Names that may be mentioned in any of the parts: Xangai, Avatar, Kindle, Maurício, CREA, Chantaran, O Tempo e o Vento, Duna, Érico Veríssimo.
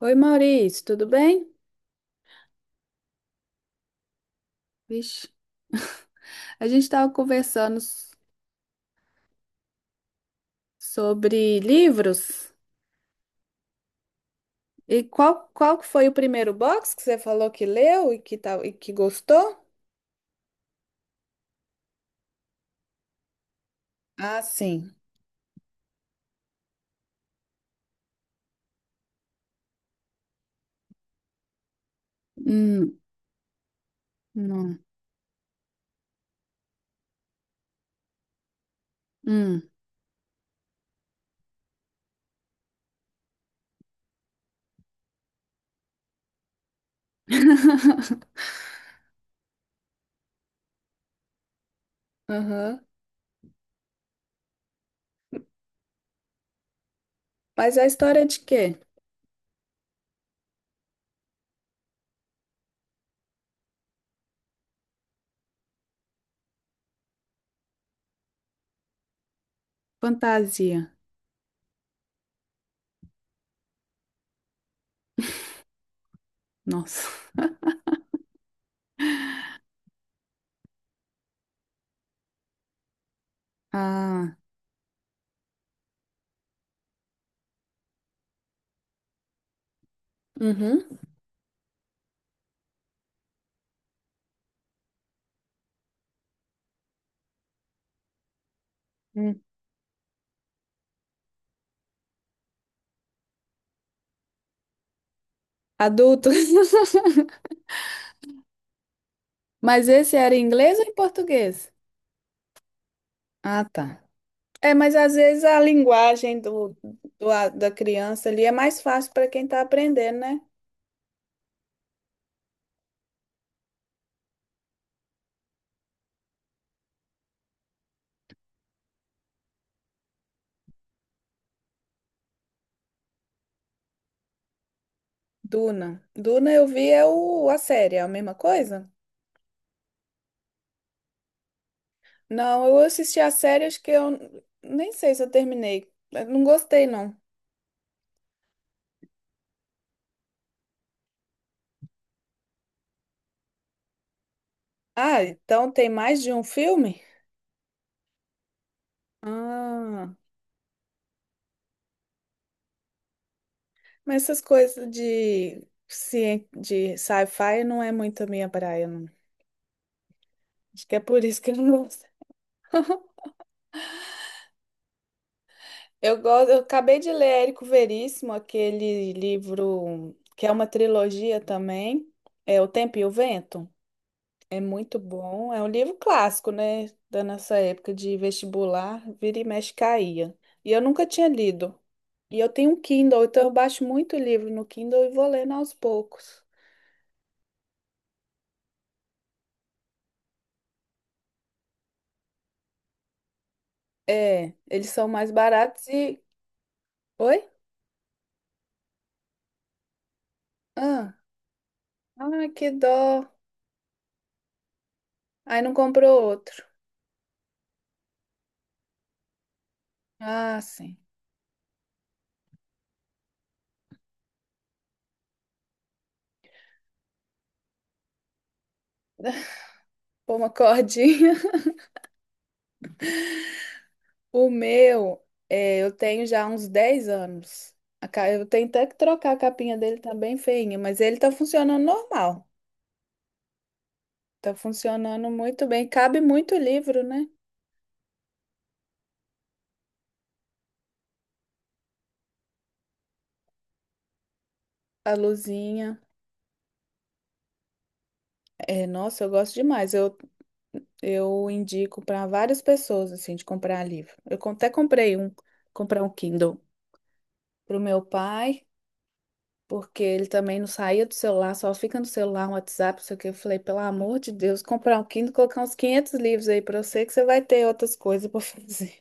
Oi, Maurício, tudo bem? Vixe, a gente estava conversando sobre livros. E qual que foi o primeiro box que você falou que leu e que, tal, e que gostou? Ah, sim. Hum, não. Hum. Aham. Mas a história é de quê? Fantasia. Nossa. Ah. Uhum. Hum. Adulto. Mas esse era em inglês ou em português? Ah, tá. É, mas às vezes a linguagem da criança ali é mais fácil para quem está aprendendo, né? Duna. Duna eu vi é o, a série, é a mesma coisa? Não, eu assisti a série, acho que eu nem sei se eu terminei. Eu não gostei, não. Ah, então tem mais de um filme? Ah, mas essas coisas de, de sci-fi não é muito a minha praia, não. Acho que é por isso que eu não gosto. Eu gosto, eu acabei de ler Érico Veríssimo, aquele livro que é uma trilogia também, é O Tempo e o Vento. É muito bom, é um livro clássico, né, da nossa época de vestibular, vira e mexe caía. E eu nunca tinha lido. E eu tenho um Kindle, então eu baixo muito livro no Kindle e vou lendo aos poucos. É, eles são mais baratos e... Oi? Ah, ah, que dó. Aí não comprou outro. Ah, sim. Pô, uma cordinha. O meu, é, eu tenho já uns 10 anos. Eu tenho até que trocar a capinha dele, tá bem feinha, mas ele tá funcionando normal. Tá funcionando muito bem. Cabe muito livro, né? A luzinha. É, nossa, eu gosto demais. Eu indico para várias pessoas, assim, de comprar livro. Até comprei um, comprar um Kindle pro meu pai porque ele também não saía do celular, só fica no celular, no WhatsApp, não sei o que. Eu falei, pelo amor de Deus, comprar um Kindle, colocar uns 500 livros aí pra você, que você vai ter outras coisas pra fazer.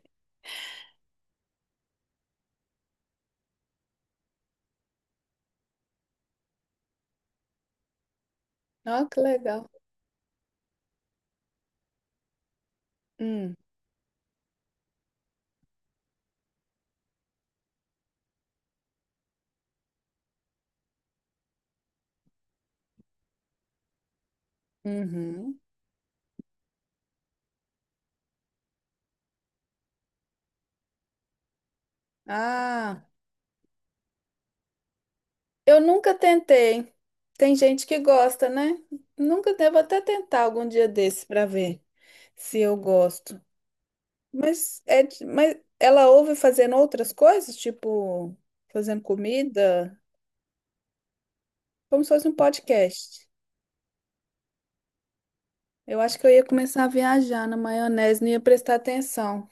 Ó, que legal. Hum, uhum. Ah, eu nunca tentei. Tem gente que gosta, né? Nunca devo até tentar algum dia desse pra ver se eu gosto. Mas é, mas ela ouve fazendo outras coisas, tipo fazendo comida, como se fosse um podcast. Eu acho que eu ia começar a viajar na maionese, não ia prestar atenção.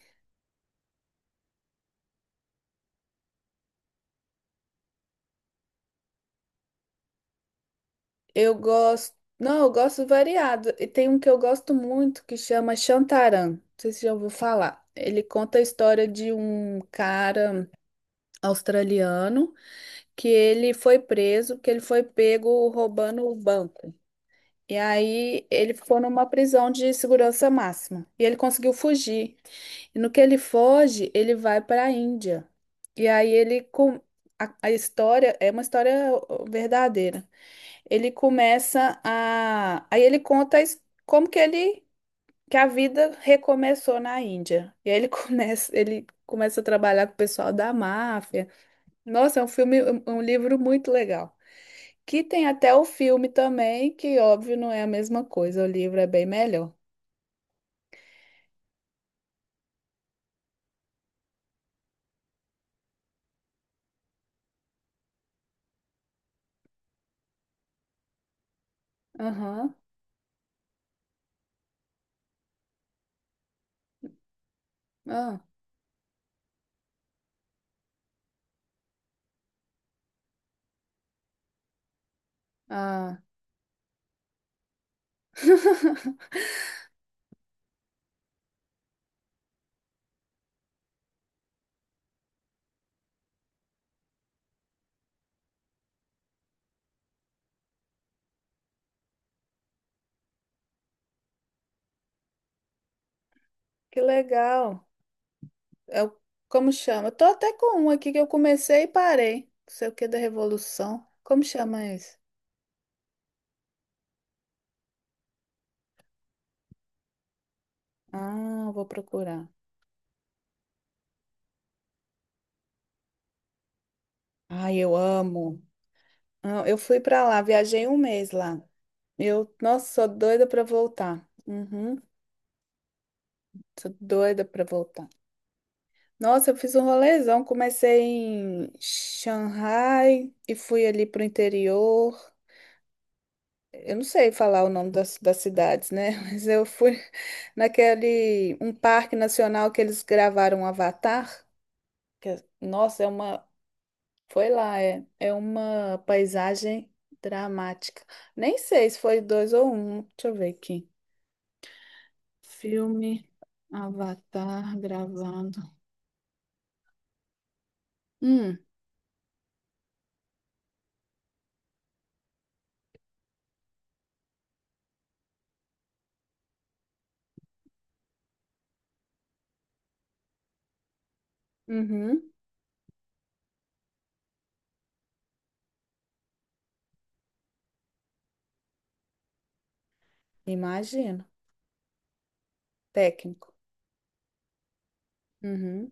Eu gosto. Não, eu gosto variado. E tem um que eu gosto muito que chama Chantaran. Não sei se já ouviu falar. Ele conta a história de um cara australiano que ele foi preso, que ele foi pego roubando o banco. E aí ele ficou numa prisão de segurança máxima. E ele conseguiu fugir. E no que ele foge, ele vai para a Índia. E aí ele com a história é uma história verdadeira. Ele começa a aí ele conta a como que ele que a vida recomeçou na Índia. E aí ele começa ele começa a trabalhar com o pessoal da máfia. Nossa, é um filme, um livro muito legal. Que tem até o filme também, que óbvio não é a mesma coisa, o livro é bem melhor. Aham. Ah, ah. Que legal. Eu, como chama? Eu tô até com um aqui que eu comecei e parei. Não sei o que da Revolução. Como chama esse? Ah, eu vou procurar. Ai, eu amo. Ah, eu fui pra lá, viajei um mês lá. Eu, nossa, sou doida pra voltar. Uhum, sou doida pra voltar. Nossa, eu fiz um rolezão. Comecei em Xangai e fui ali pro interior. Eu não sei falar o nome das cidades, né? Mas eu fui naquele um parque nacional que eles gravaram Avatar. Nossa, é uma. Foi lá, é, é uma paisagem dramática. Nem sei se foi dois ou um. Deixa eu ver aqui. Filme Avatar gravando. Hum, uhum, imagino. Técnico. Uhum,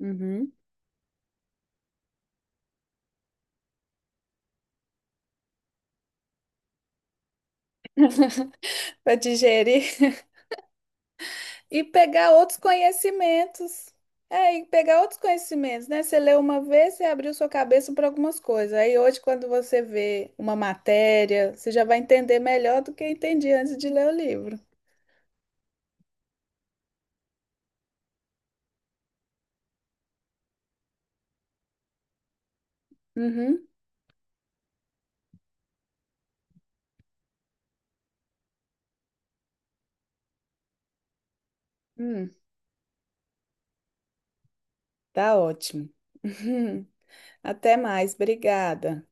uhum. Para digerir. E pegar outros conhecimentos. É, e pegar outros conhecimentos, né? Você leu uma vez, você abriu sua cabeça para algumas coisas. Aí hoje, quando você vê uma matéria, você já vai entender melhor do que entendia antes de ler o livro. Uhum. Hum, tá ótimo. Até mais, obrigada.